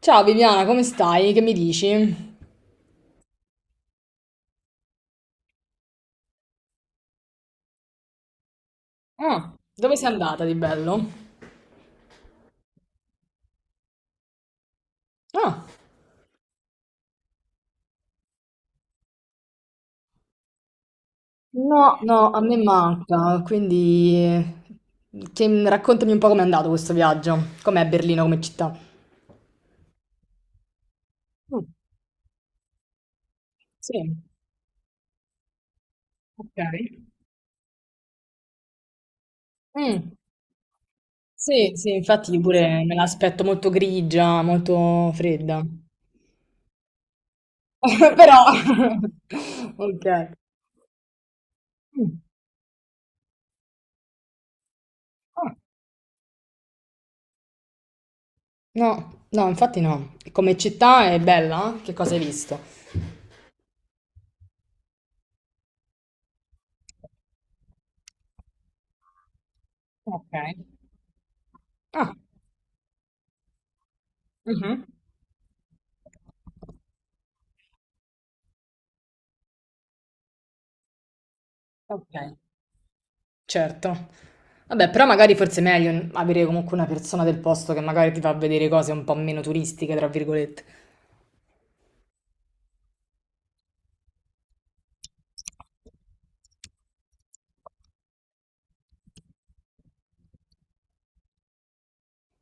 Ciao Viviana, come stai? Che mi dici? Ah, dove sei andata di bello? Ah, no, no, a me manca, quindi raccontami un po' com'è andato questo viaggio. Com'è Berlino come città? Mm, sì, ok. Mm, sì, sì, infatti io pure me l'aspetto molto grigia, molto fredda. Però, ok. Mm, ah, no, no, infatti no. Come città è bella? Che cosa hai visto? Ok. Ah, mhm. Ok, certo. Vabbè, però magari forse è meglio avere comunque una persona del posto che magari ti fa vedere cose un po' meno turistiche, tra virgolette.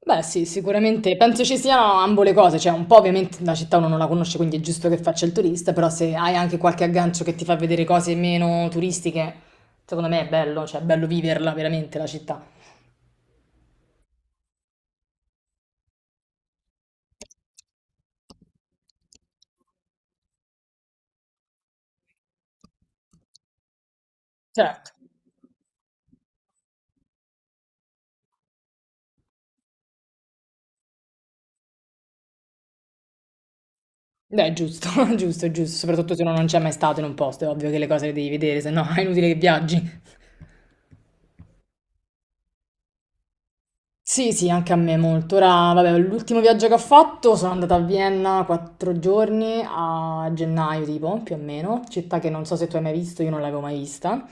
Beh, sì, sicuramente penso ci siano ambo le cose, cioè un po' ovviamente la città uno non la conosce, quindi è giusto che faccia il turista, però se hai anche qualche aggancio che ti fa vedere cose meno turistiche, secondo me è bello, cioè è bello viverla veramente la città. Certo. Beh, è giusto, giusto, è giusto, soprattutto se uno non c'è mai stato in un posto, è ovvio che le cose le devi vedere, se no è inutile che viaggi. Sì, sì, anche a me molto. Ora, vabbè, l'ultimo viaggio che ho fatto sono andata a Vienna 4 giorni a gennaio, tipo, più o meno, città che non so se tu hai mai visto, io non l'avevo mai vista.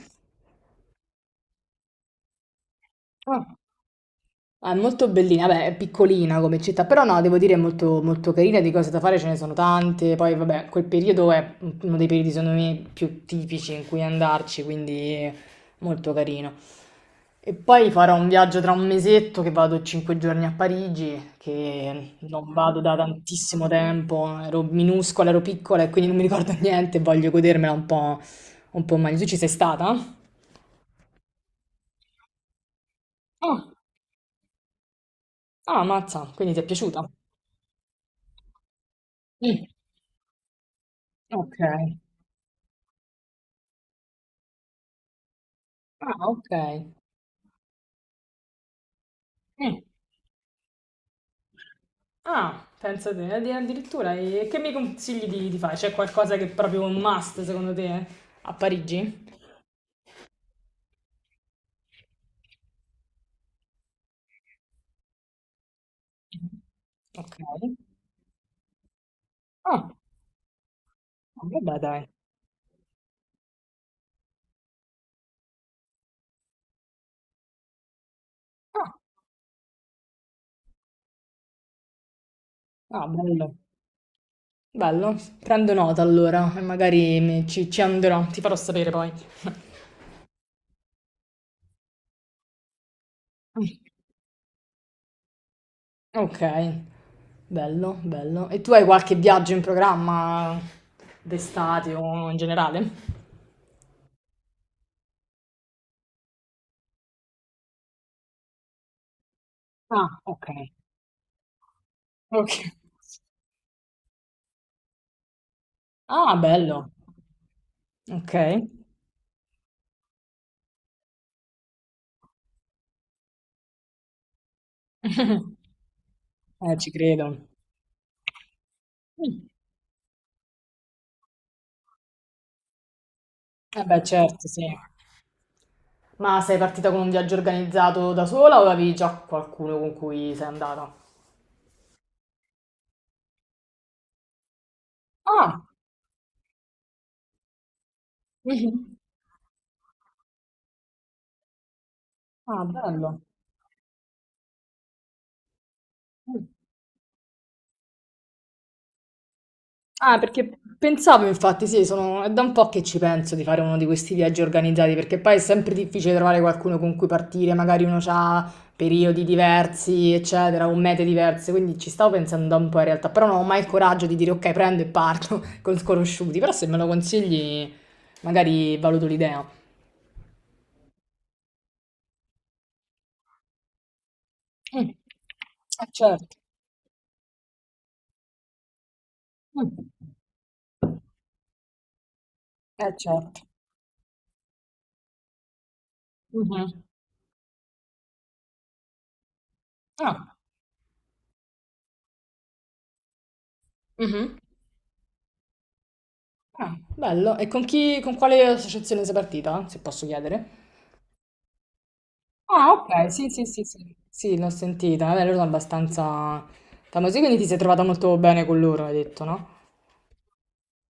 Ah, è molto bellina, beh, è piccolina come città, però no, devo dire è molto, molto carina, di cose da fare ce ne sono tante, poi vabbè, quel periodo è uno dei periodi secondo me più tipici in cui andarci, quindi molto carino. E poi farò un viaggio tra un mesetto che vado 5 giorni a Parigi, che non vado da tantissimo tempo, ero minuscola, ero piccola e quindi non mi ricordo niente, voglio godermela un po' meglio. Tu ci sei stata? Ah, ah, mazza, quindi ti è piaciuta? Mm, ok. Ah, ok. Eh. Ah, pensa te, addirittura. E che mi consigli di fare? C'è qualcosa che è proprio un must secondo te a Parigi? Ok. Ah, vabbè, dai. Ah, ah, bello. Bello, prendo nota allora e magari ci andrò, ti farò sapere poi. Ah. Ok, bello, bello. E tu hai qualche viaggio in programma d'estate o in generale? Ah, ok. Ok. Ah, bello. Okay. Ci credo. Mh. Eh beh, certo, sì. Ma sei partita con un viaggio organizzato da sola o avevi già qualcuno con cui sei andata? Ah. Mh-mh. Ah, bello. Mh. Ah, perché pensavo, infatti, sì, è da un po' che ci penso di fare uno di questi viaggi organizzati, perché poi è sempre difficile trovare qualcuno con cui partire, magari uno ha periodi diversi, eccetera, o mete diverse, quindi ci stavo pensando da un po' in realtà, però non ho mai il coraggio di dire ok, prendo e parto con sconosciuti, però se me lo consigli magari valuto l'idea. Mm. Eh certo. Mm. Eh certo. Mhm. Ah. Mhm. Ah, bello. E con chi, con quale associazione sei partita, se posso chiedere? Ah, ok, sì, sì, sì, sì, sì, l'ho sentita. Vabbè, loro sono abbastanza famosi, quindi ti sei trovata molto bene con loro, hai detto, no?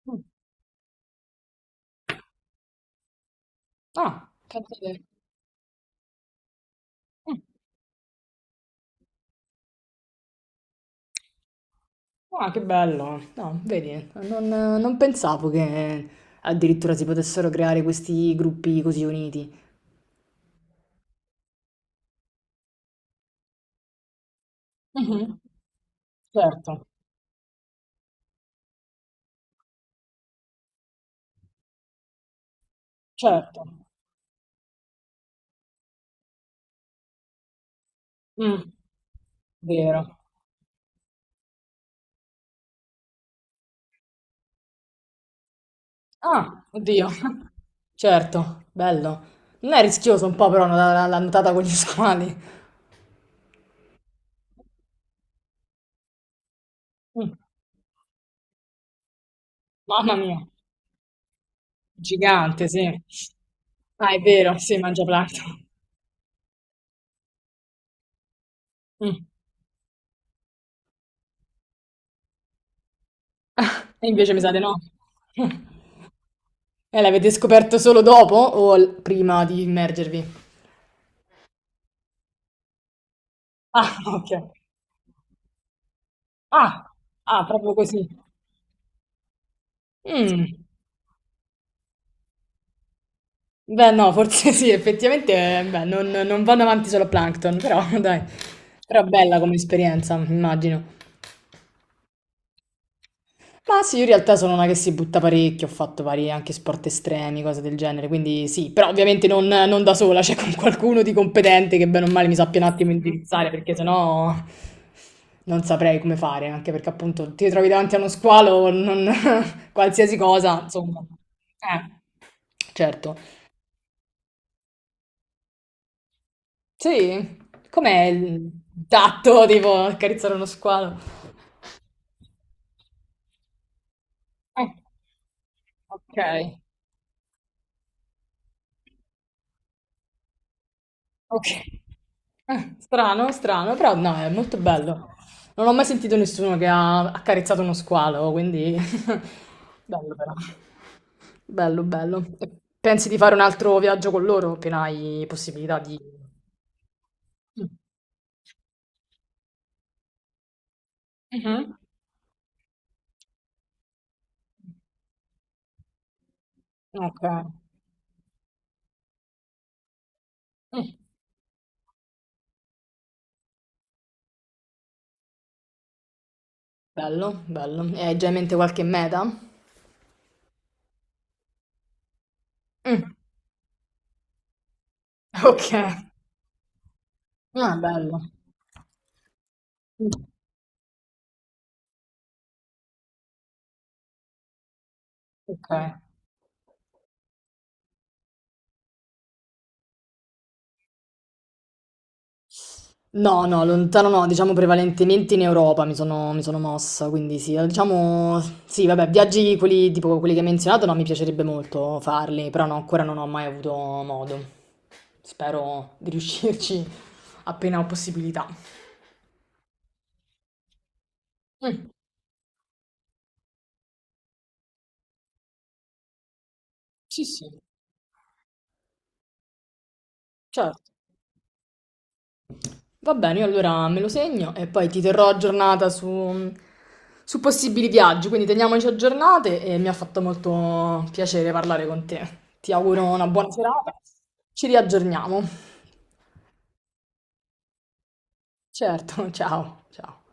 Mm. Ah, pensa te. Mm. Ah, che bello. No, vedi, non, pensavo che addirittura si potessero creare questi gruppi così uniti. Mhm. Certo, certo. Mm, vero. Ah, oddio. Certo, bello. Non è rischioso un po' però la nuotata con gli squali. Mm. Mamma mia. Gigante, sì. Ah, è vero, sì, mangia plancton. Mm. E invece mi sa di no. E l'avete scoperto solo dopo o prima di immergervi? Ah, ok. Ah, ah, proprio così. Mm. Beh, no, forse sì, effettivamente, beh, non vanno avanti solo a Plankton, però dai. Però bella come esperienza, immagino. Ma sì, io in realtà sono una che si butta parecchio, ho fatto vari anche sport estremi, cose del genere, quindi sì, però ovviamente non da sola, c'è con qualcuno di competente che bene o male mi sappia un attimo indirizzare, perché sennò non saprei come fare, anche perché appunto ti trovi davanti a uno squalo, qualsiasi cosa, insomma. Certo. Sì, com'è il tatto, tipo, accarezzare uno squalo? Eh, Ok. Ok. Strano, strano, però no, è molto bello. Non ho mai sentito nessuno che ha accarezzato uno squalo, quindi bello però. Bello, bello. E pensi di fare un altro viaggio con loro appena hai possibilità di... Mm. Mhm. Ok. Mm. Bello, bello. E hai già in mente qualche meta? Mm. Ok. Ah, bello. Mm. Ok. No, no, lontano no, diciamo prevalentemente in Europa mi sono mossa, quindi sì, diciamo, sì, vabbè, viaggi quelli, tipo quelli che hai menzionato, no, mi piacerebbe molto farli, però no, ancora non ho mai avuto modo. Spero di riuscirci appena ho possibilità. Mm, sì, sì, certo. Va bene, io allora me lo segno e poi ti terrò aggiornata su, possibili viaggi, quindi teniamoci aggiornate e mi ha fatto molto piacere parlare con te. Ti auguro una buona serata, ci riaggiorniamo. Certo, ciao, ciao.